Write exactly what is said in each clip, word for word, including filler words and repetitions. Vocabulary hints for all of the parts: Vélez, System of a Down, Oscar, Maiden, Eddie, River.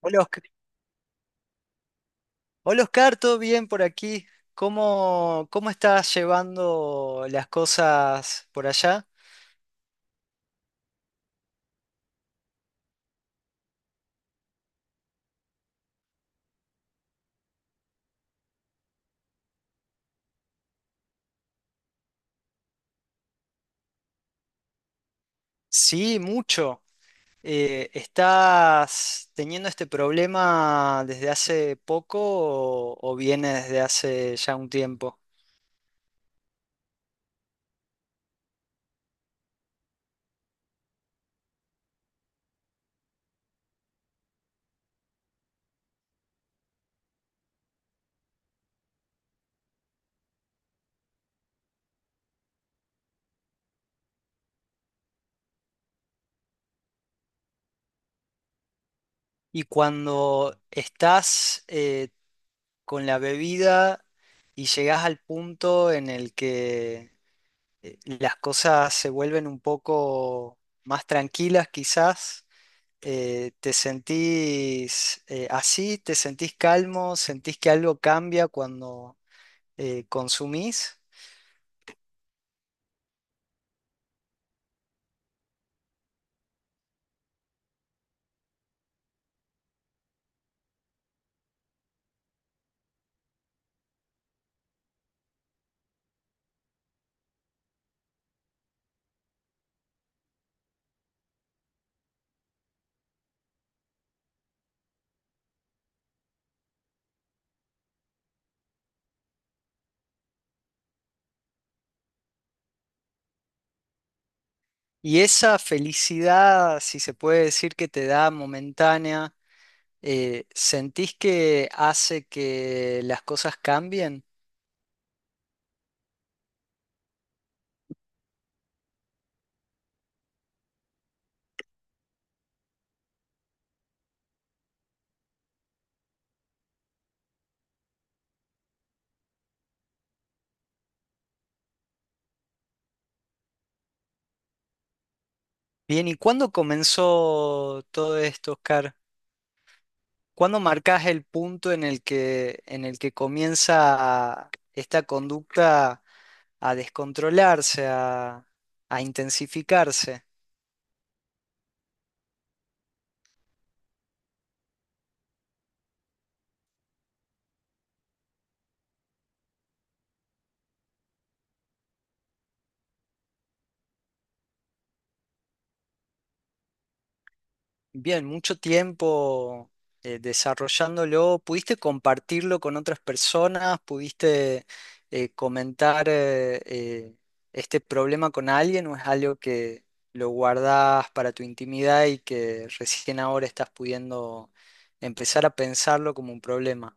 Hola, Osc- Hola, Oscar, ¿todo bien por aquí? ¿Cómo, cómo estás llevando las cosas por allá? Sí, mucho. Eh, ¿estás teniendo este problema desde hace poco o, o viene desde hace ya un tiempo? Y cuando estás eh, con la bebida y llegas al punto en el que eh, las cosas se vuelven un poco más tranquilas, quizás. Eh, ¿te sentís eh, así? ¿Te sentís calmo? ¿Sentís que algo cambia cuando eh, consumís? Y esa felicidad, si se puede decir que te da momentánea, eh, ¿sentís que hace que las cosas cambien? Bien, ¿y cuándo comenzó todo esto, Oscar? ¿Cuándo marcás el punto en el que, en el que comienza esta conducta a descontrolarse, a, a intensificarse? Bien, mucho tiempo eh, desarrollándolo. ¿Pudiste compartirlo con otras personas? ¿Pudiste eh, comentar eh, eh, este problema con alguien o es algo que lo guardás para tu intimidad y que recién ahora estás pudiendo empezar a pensarlo como un problema?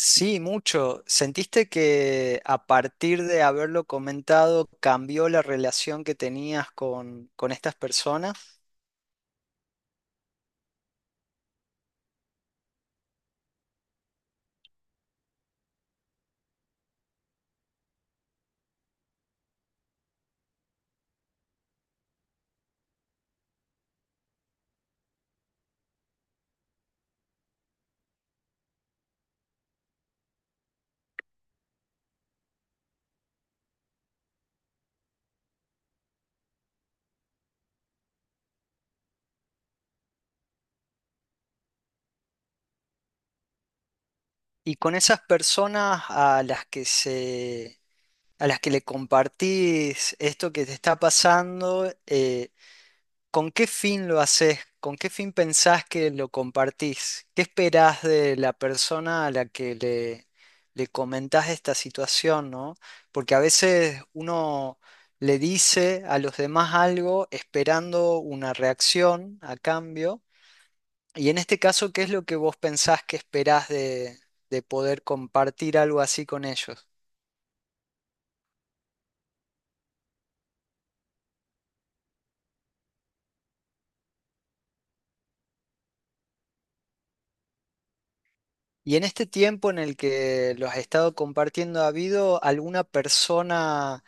Sí, mucho. ¿Sentiste que a partir de haberlo comentado cambió la relación que tenías con, con estas personas? Y con esas personas a las que se, a las que le compartís esto que te está pasando, eh, ¿con qué fin lo haces? ¿Con qué fin pensás que lo compartís? ¿Qué esperás de la persona a la que le, le comentás esta situación, no? Porque a veces uno le dice a los demás algo esperando una reacción a cambio. Y en este caso, ¿qué es lo que vos pensás que esperás de, de poder compartir algo así con ellos? Y en este tiempo en el que los has estado compartiendo, ¿ha habido alguna persona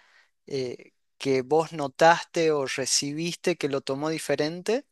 eh, que vos notaste o recibiste que lo tomó diferente?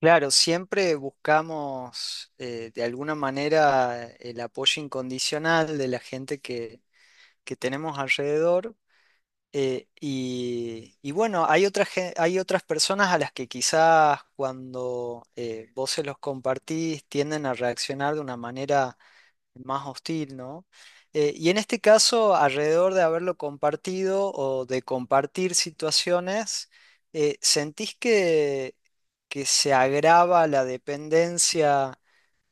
Claro, siempre buscamos eh, de alguna manera el apoyo incondicional de la gente que, que tenemos alrededor. Eh, y, y bueno, hay otras, gen- hay otras personas a las que quizás cuando eh, vos se los compartís tienden a reaccionar de una manera más hostil, ¿no? Eh, y en este caso, alrededor de haberlo compartido o de compartir situaciones, eh, ¿sentís que, que se agrava la dependencia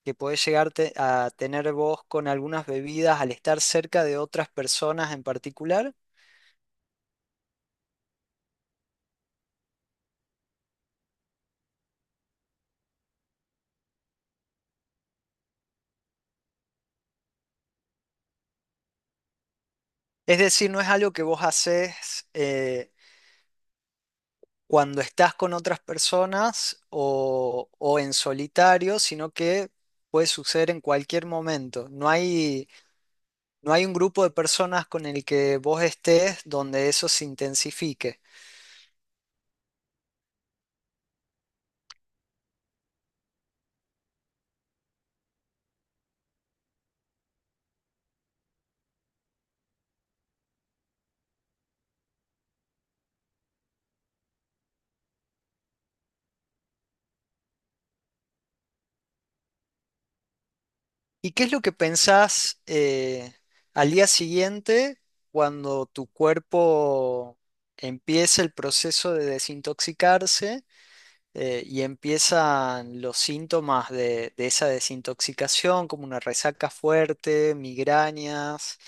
que podés llegar te- a tener vos con algunas bebidas al estar cerca de otras personas en particular? Es decir, ¿no es algo que vos haces eh, cuando estás con otras personas o, o en solitario, sino que puede suceder en cualquier momento? No hay, no hay un grupo de personas con el que vos estés donde eso se intensifique. ¿Y qué es lo que pensás eh, al día siguiente cuando tu cuerpo empieza el proceso de desintoxicarse eh, y empiezan los síntomas de, de esa desintoxicación, como una resaca fuerte, migrañas,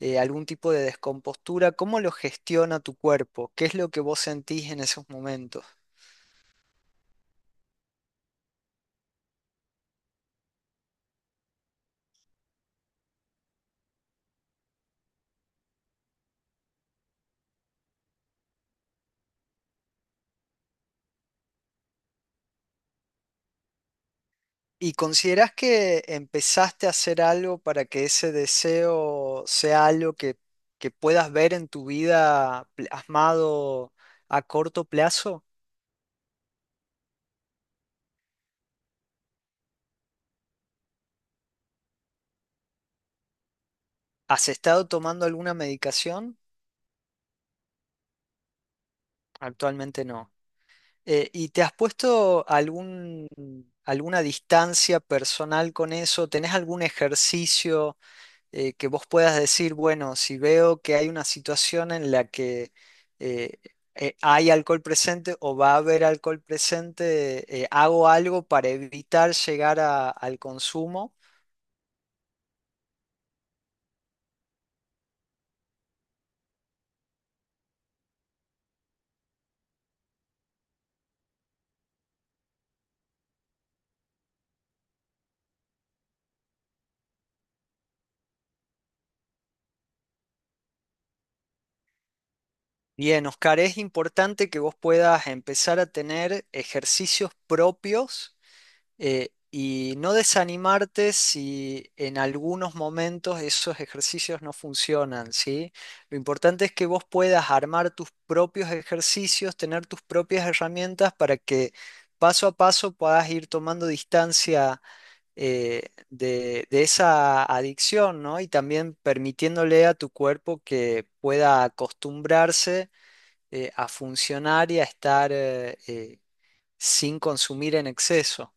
eh, algún tipo de descompostura? ¿Cómo lo gestiona tu cuerpo? ¿Qué es lo que vos sentís en esos momentos? ¿Y consideras que empezaste a hacer algo para que ese deseo sea algo que, que puedas ver en tu vida plasmado a corto plazo? ¿Has estado tomando alguna medicación? Actualmente no. Eh, ¿y te has puesto algún, alguna distancia personal con eso? ¿Tenés algún ejercicio eh, que vos puedas decir, bueno, si veo que hay una situación en la que eh, eh, hay alcohol presente o va a haber alcohol presente, eh, hago algo para evitar llegar a- al consumo? Bien, Oscar, es importante que vos puedas empezar a tener ejercicios propios eh, y no desanimarte si en algunos momentos esos ejercicios no funcionan, ¿sí? Lo importante es que vos puedas armar tus propios ejercicios, tener tus propias herramientas para que paso a paso puedas ir tomando distancia eh, de, de esa adicción, ¿no? Y también permitiéndole a tu cuerpo que pueda acostumbrarse eh, a funcionar y a estar eh, eh, sin consumir en exceso.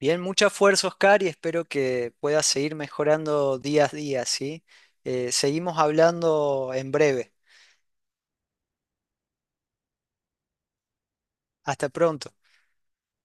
Bien, mucha fuerza, Oscar, y espero que puedas seguir mejorando día a día, ¿sí? Eh, seguimos hablando en breve. Hasta pronto.